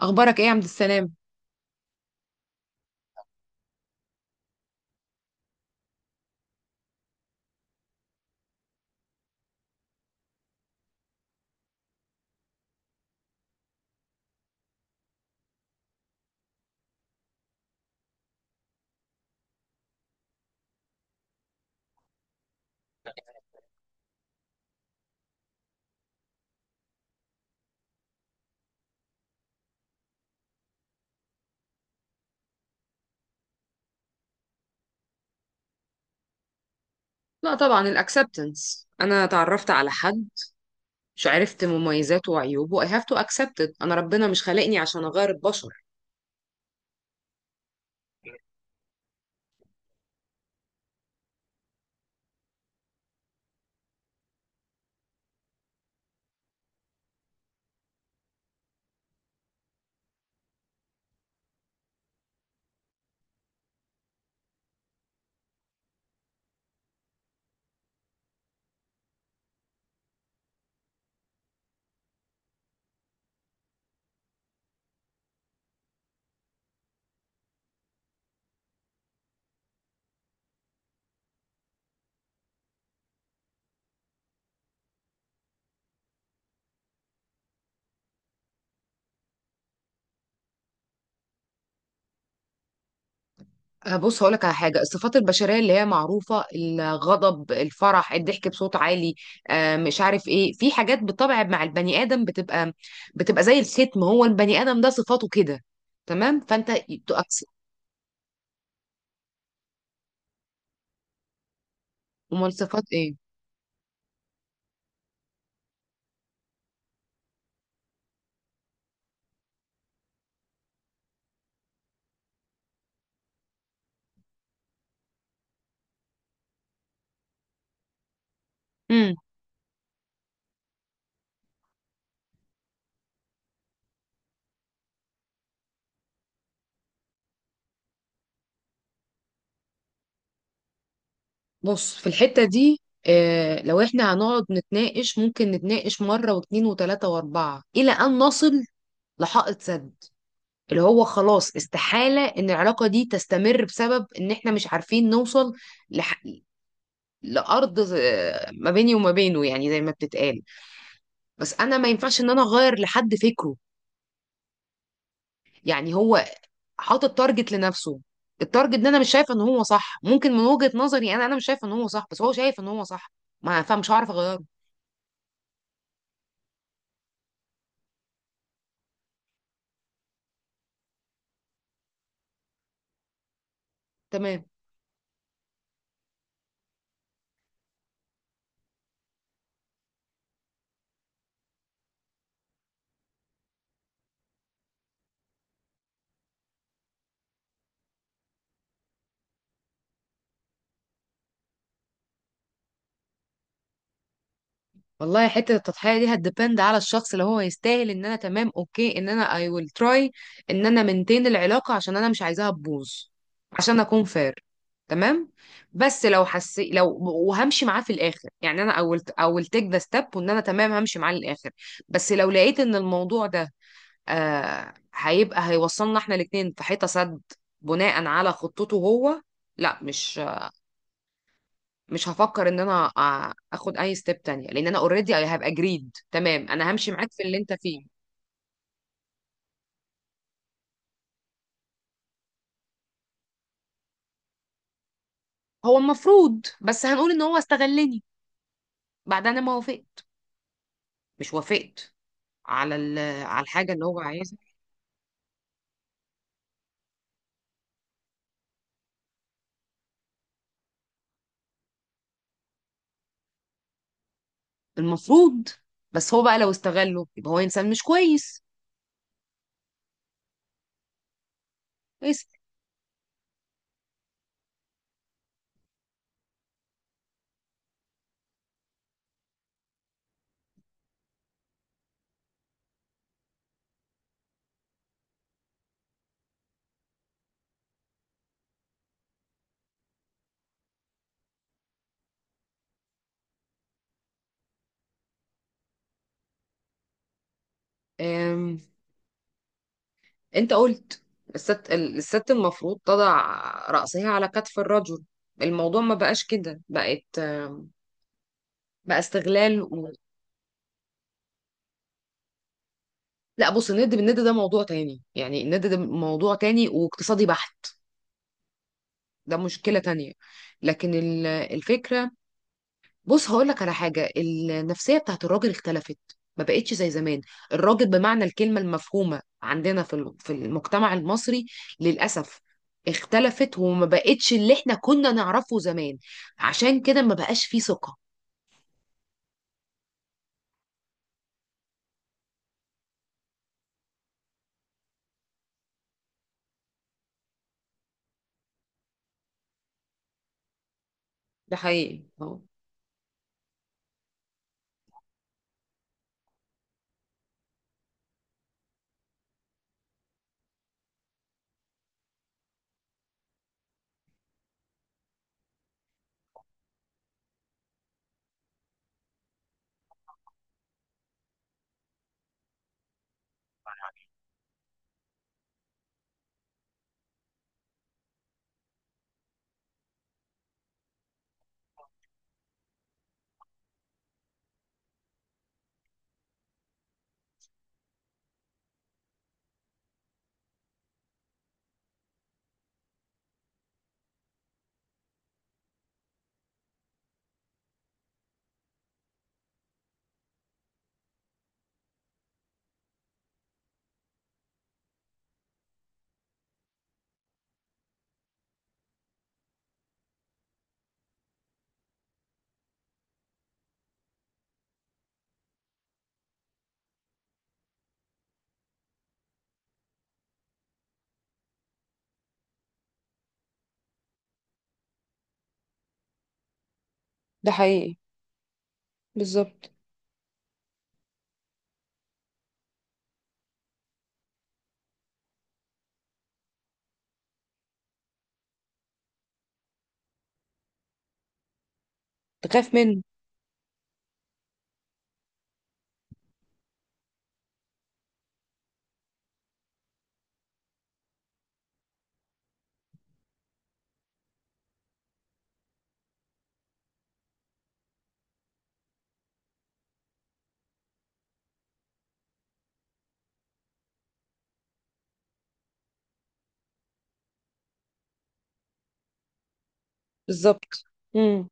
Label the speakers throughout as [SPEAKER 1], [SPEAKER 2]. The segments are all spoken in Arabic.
[SPEAKER 1] اخبارك ايه يا عبد السلام؟ لا، طبعا الاكسبتنس. انا تعرفت على حد مش عرفت مميزاته وعيوبه. I have to accept it. انا ربنا مش خلقني عشان اغير البشر. بص هقولك على حاجه. الصفات البشريه اللي هي معروفه، الغضب، الفرح، الضحك بصوت عالي، مش عارف ايه. في حاجات بالطبع مع البني ادم بتبقى زي الختم. هو البني ادم ده صفاته كده، تمام. فانت تو اكسبت. امال صفات ايه؟ بص في الحتة دي، لو احنا هنقعد نتناقش ممكن نتناقش مرة واتنين وتلاتة واربعة إلى أن نصل لحائط سد، اللي هو خلاص استحالة إن العلاقة دي تستمر بسبب إن احنا مش عارفين نوصل لح... لأرض. ما بيني وما بينه، يعني زي ما بتتقال. بس أنا ما ينفعش إن أنا أغير لحد فكره. يعني هو حاطط تارجت لنفسه. التارجت ده أنا مش شايفة إن هو صح. ممكن من وجهة نظري أنا مش شايفة إن هو صح، بس هو شايف إن هو صح. ما فمش هعرف أغيره، تمام. والله حتة التضحية دي هتديبند على الشخص اللي هو يستاهل. ان انا، تمام، اوكي، ان انا I will try، ان انا منتين العلاقة عشان انا مش عايزاها تبوظ، عشان اكون فير، تمام. بس لو حسي، لو وهمشي معاه في الاخر يعني انا I will take the step. وان انا تمام همشي معاه للاخر. بس لو لقيت ان الموضوع ده آه هيبقى هيوصلنا احنا الاتنين في حيطة سد بناء على خطته هو، لا مش هفكر ان انا اخد اي ستيب تانية. لان انا اوريدي هبقى اجريد. تمام، انا همشي معاك في اللي انت فيه. هو المفروض، بس هنقول ان هو استغلني بعد انا ما وافقت. مش وافقت على على الحاجة اللي هو عايزها. المفروض، بس هو بقى لو استغله يبقى هو انسان مش كويس. كويس. أم... انت قلت الست المفروض تضع رأسها على كتف الرجل. الموضوع ما بقاش كده، بقت، بقى استغلال. لا بص، الند بالند ده موضوع تاني. يعني الند ده موضوع تاني واقتصادي بحت. ده مشكلة تانية. لكن الفكرة، بص هقول لك على حاجة. النفسية بتاعت الراجل اختلفت، ما بقتش زي زمان. الراجل بمعنى الكلمة المفهومة عندنا في في المجتمع المصري، للأسف، اختلفت وما بقتش اللي احنا كنا نعرفه زمان. عشان كده ما بقاش فيه ثقة. ده حقيقي، اه. ده حقيقي، بالظبط. تخاف منه. بالظبط. امم.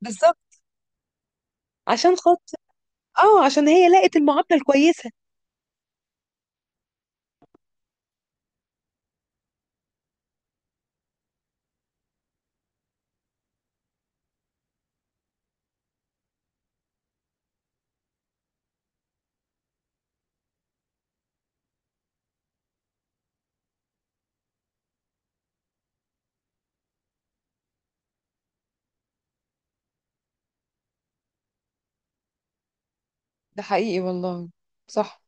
[SPEAKER 1] بالظبط. عشان خاطر، اه، عشان هي لقت المعادلة الكويسة. ده حقيقي والله. صح.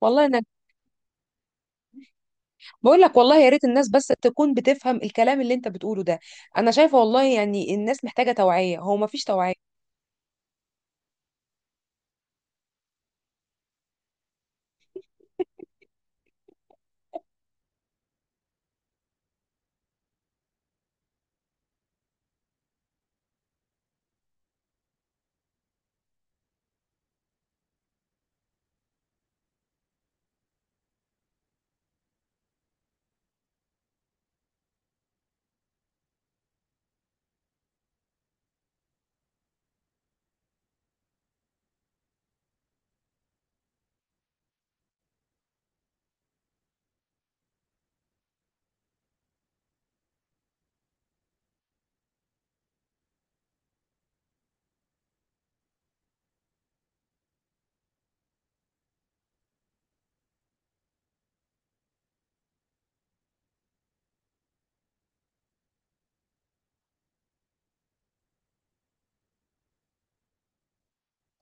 [SPEAKER 1] والله انا بقول لك والله، يا ريت الناس بس تكون بتفهم الكلام اللي انت بتقوله ده. انا شايفه والله، يعني الناس محتاجه توعيه. هو ما فيش توعيه.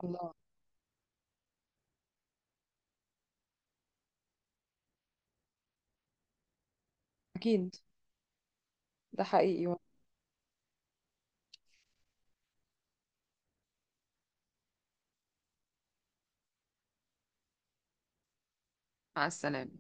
[SPEAKER 1] الله. اكيد. ده حقيقي والله. مع السلامه.